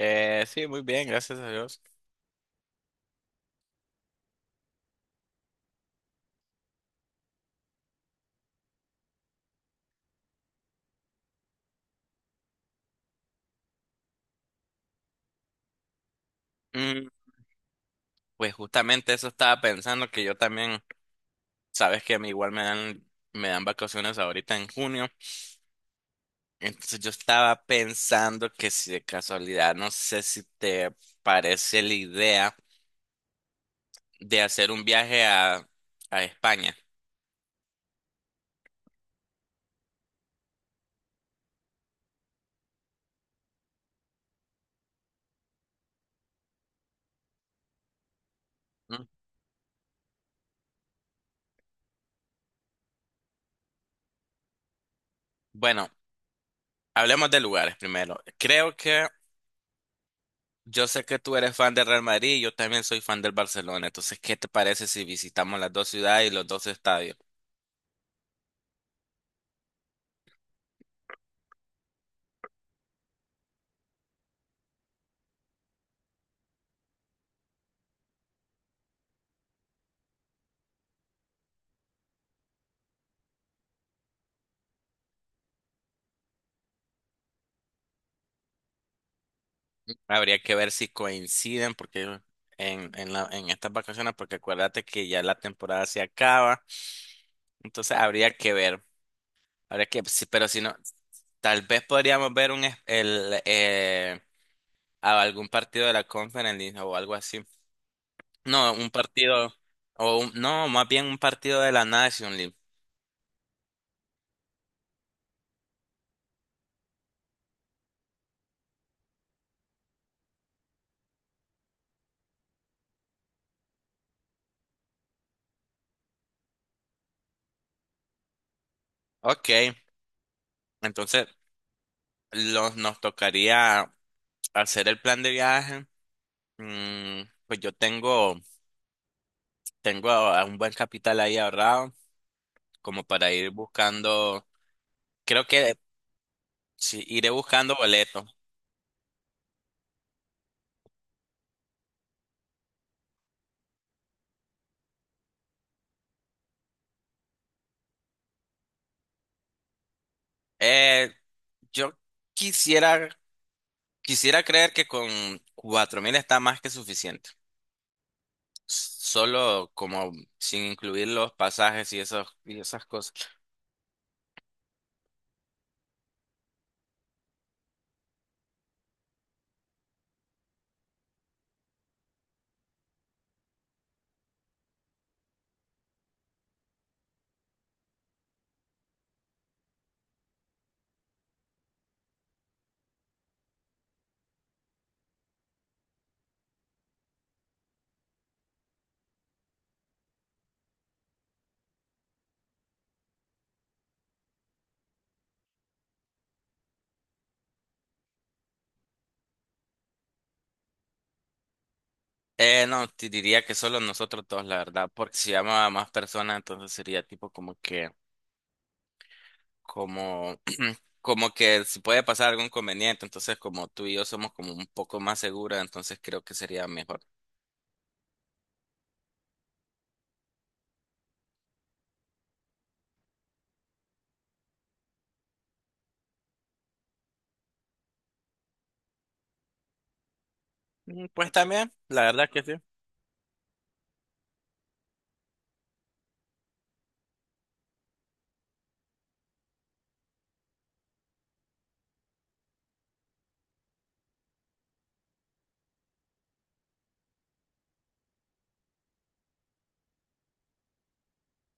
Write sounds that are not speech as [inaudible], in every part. Sí, muy bien, gracias a Dios. Mm, pues justamente eso estaba pensando que yo también. Sabes que a mí igual me dan vacaciones ahorita en junio. Entonces yo estaba pensando que si de casualidad, no sé si te parece la idea de hacer un viaje a España. ¿No? Bueno, hablemos de lugares primero. Creo que yo sé que tú eres fan del Real Madrid y yo también soy fan del Barcelona. Entonces, ¿qué te parece si visitamos las dos ciudades y los dos estadios? Habría que ver si coinciden porque en estas vacaciones, porque acuérdate que ya la temporada se acaba, entonces habría que ver, habría que, sí, pero si no, tal vez podríamos ver a algún partido de la Conference League o algo así. No, un partido, no, más bien un partido de la Nation League. Ok, entonces nos tocaría hacer el plan de viaje. Mm, pues yo tengo, tengo a un buen capital ahí ahorrado, como para ir buscando. Creo que sí, iré buscando boletos. Eh, yo quisiera, quisiera creer que con 4000 está más que suficiente. Solo como sin incluir los pasajes y esas cosas. No, te diría que solo nosotros dos, la verdad, porque si llamo a más personas, entonces sería tipo como que, como, [clears throat] como que si puede pasar algún inconveniente, entonces como tú y yo somos como un poco más seguras, entonces creo que sería mejor. Mm, Pues también, la verdad que sí.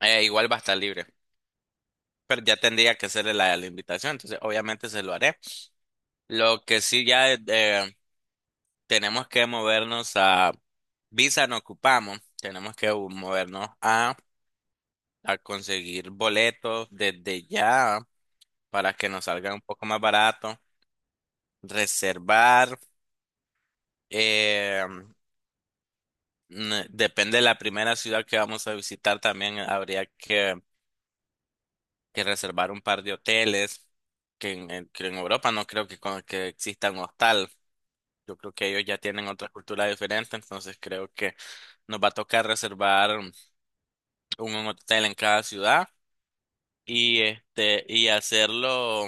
Igual va a estar libre, pero ya tendría que hacerle la invitación, entonces obviamente se lo haré. Lo que sí ya tenemos que movernos a... Visa no ocupamos, tenemos que movernos a conseguir boletos desde ya para que nos salga un poco más barato, reservar. eh, Depende de la primera ciudad que vamos a visitar, también habría que reservar un par de hoteles, que en Europa no creo que exista un hostal. Yo creo que ellos ya tienen otra cultura diferente, entonces creo que nos va a tocar reservar un hotel en cada ciudad y este, y hacerlo,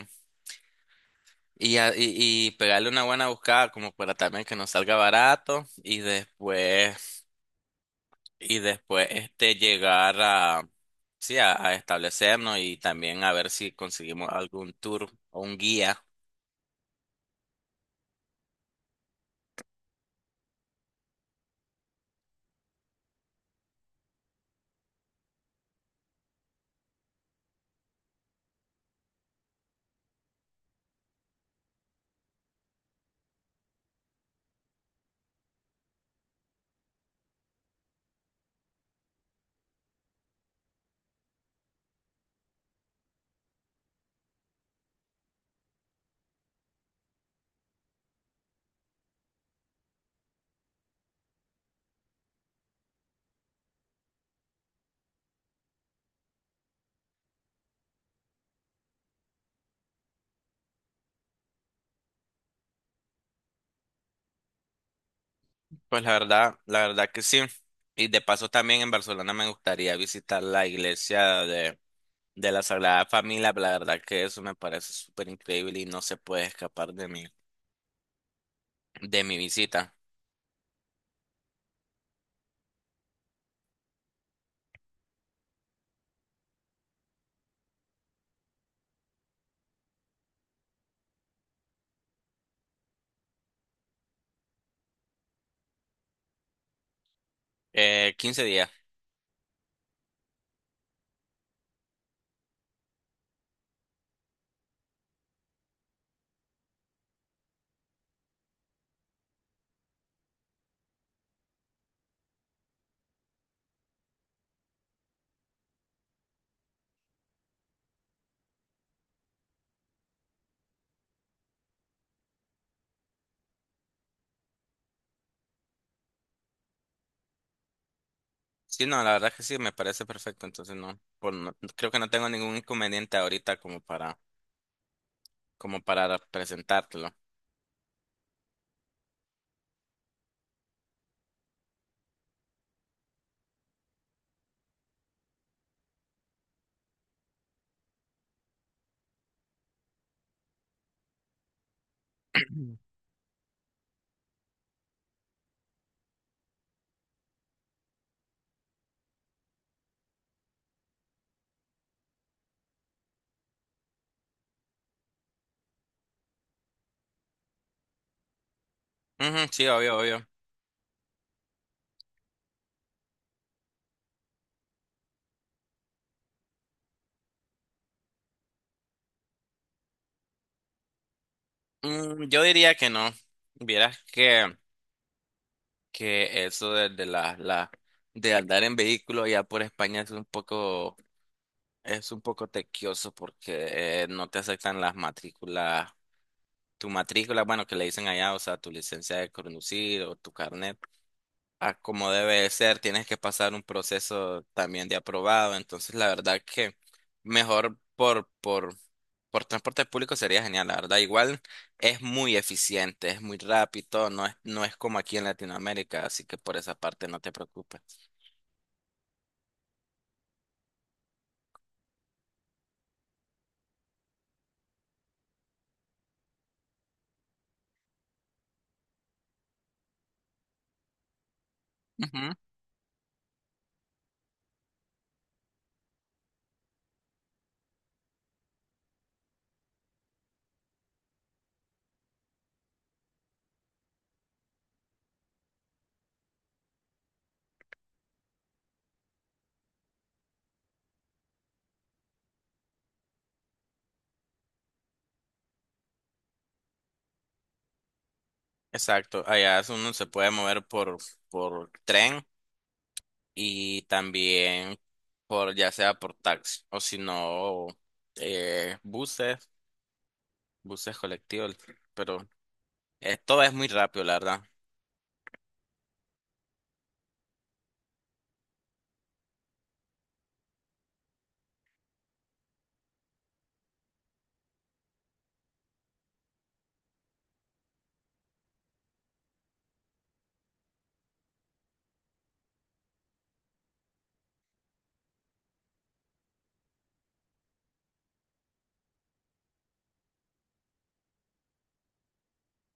y pegarle una buena buscada como para también que nos salga barato, y después este llegar a, sí, a establecernos, y también a ver si conseguimos algún tour o un guía. Pues la verdad que sí. Y de paso también en Barcelona me gustaría visitar la iglesia de la Sagrada Familia. La verdad que eso me parece súper increíble y no se puede escapar de mi visita. 15 días. Sí, no, la verdad que sí, me parece perfecto. Entonces no, por no- creo que no tengo ningún inconveniente ahorita como para, como para presentártelo. [clears throat] Ujú, sí, obvio, obvio. Mm, yo diría que no. Vieras que eso de la, la de andar en vehículo allá por España es un poco, es un poco tequioso porque no te aceptan las matrículas, tu matrícula, bueno, que le dicen allá, o sea, tu licencia de conducir o tu carnet, a como debe de ser, tienes que pasar un proceso también de aprobado. Entonces, la verdad que mejor por transporte público sería genial, la verdad. Igual es muy eficiente, es muy rápido, no es como aquí en Latinoamérica, así que por esa parte no te preocupes. Ujú. Exacto, allá es uno se puede mover por tren, y también por ya sea por taxi, o si no, buses, buses colectivos, pero eh, todo es muy rápido, la verdad.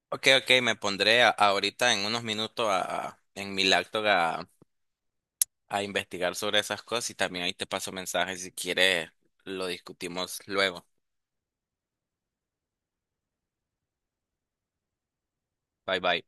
Ok, ok, me pondré ahorita en unos minutos en mi laptop a investigar sobre esas cosas, y también ahí te paso mensajes si quieres, lo discutimos luego. Bye bye.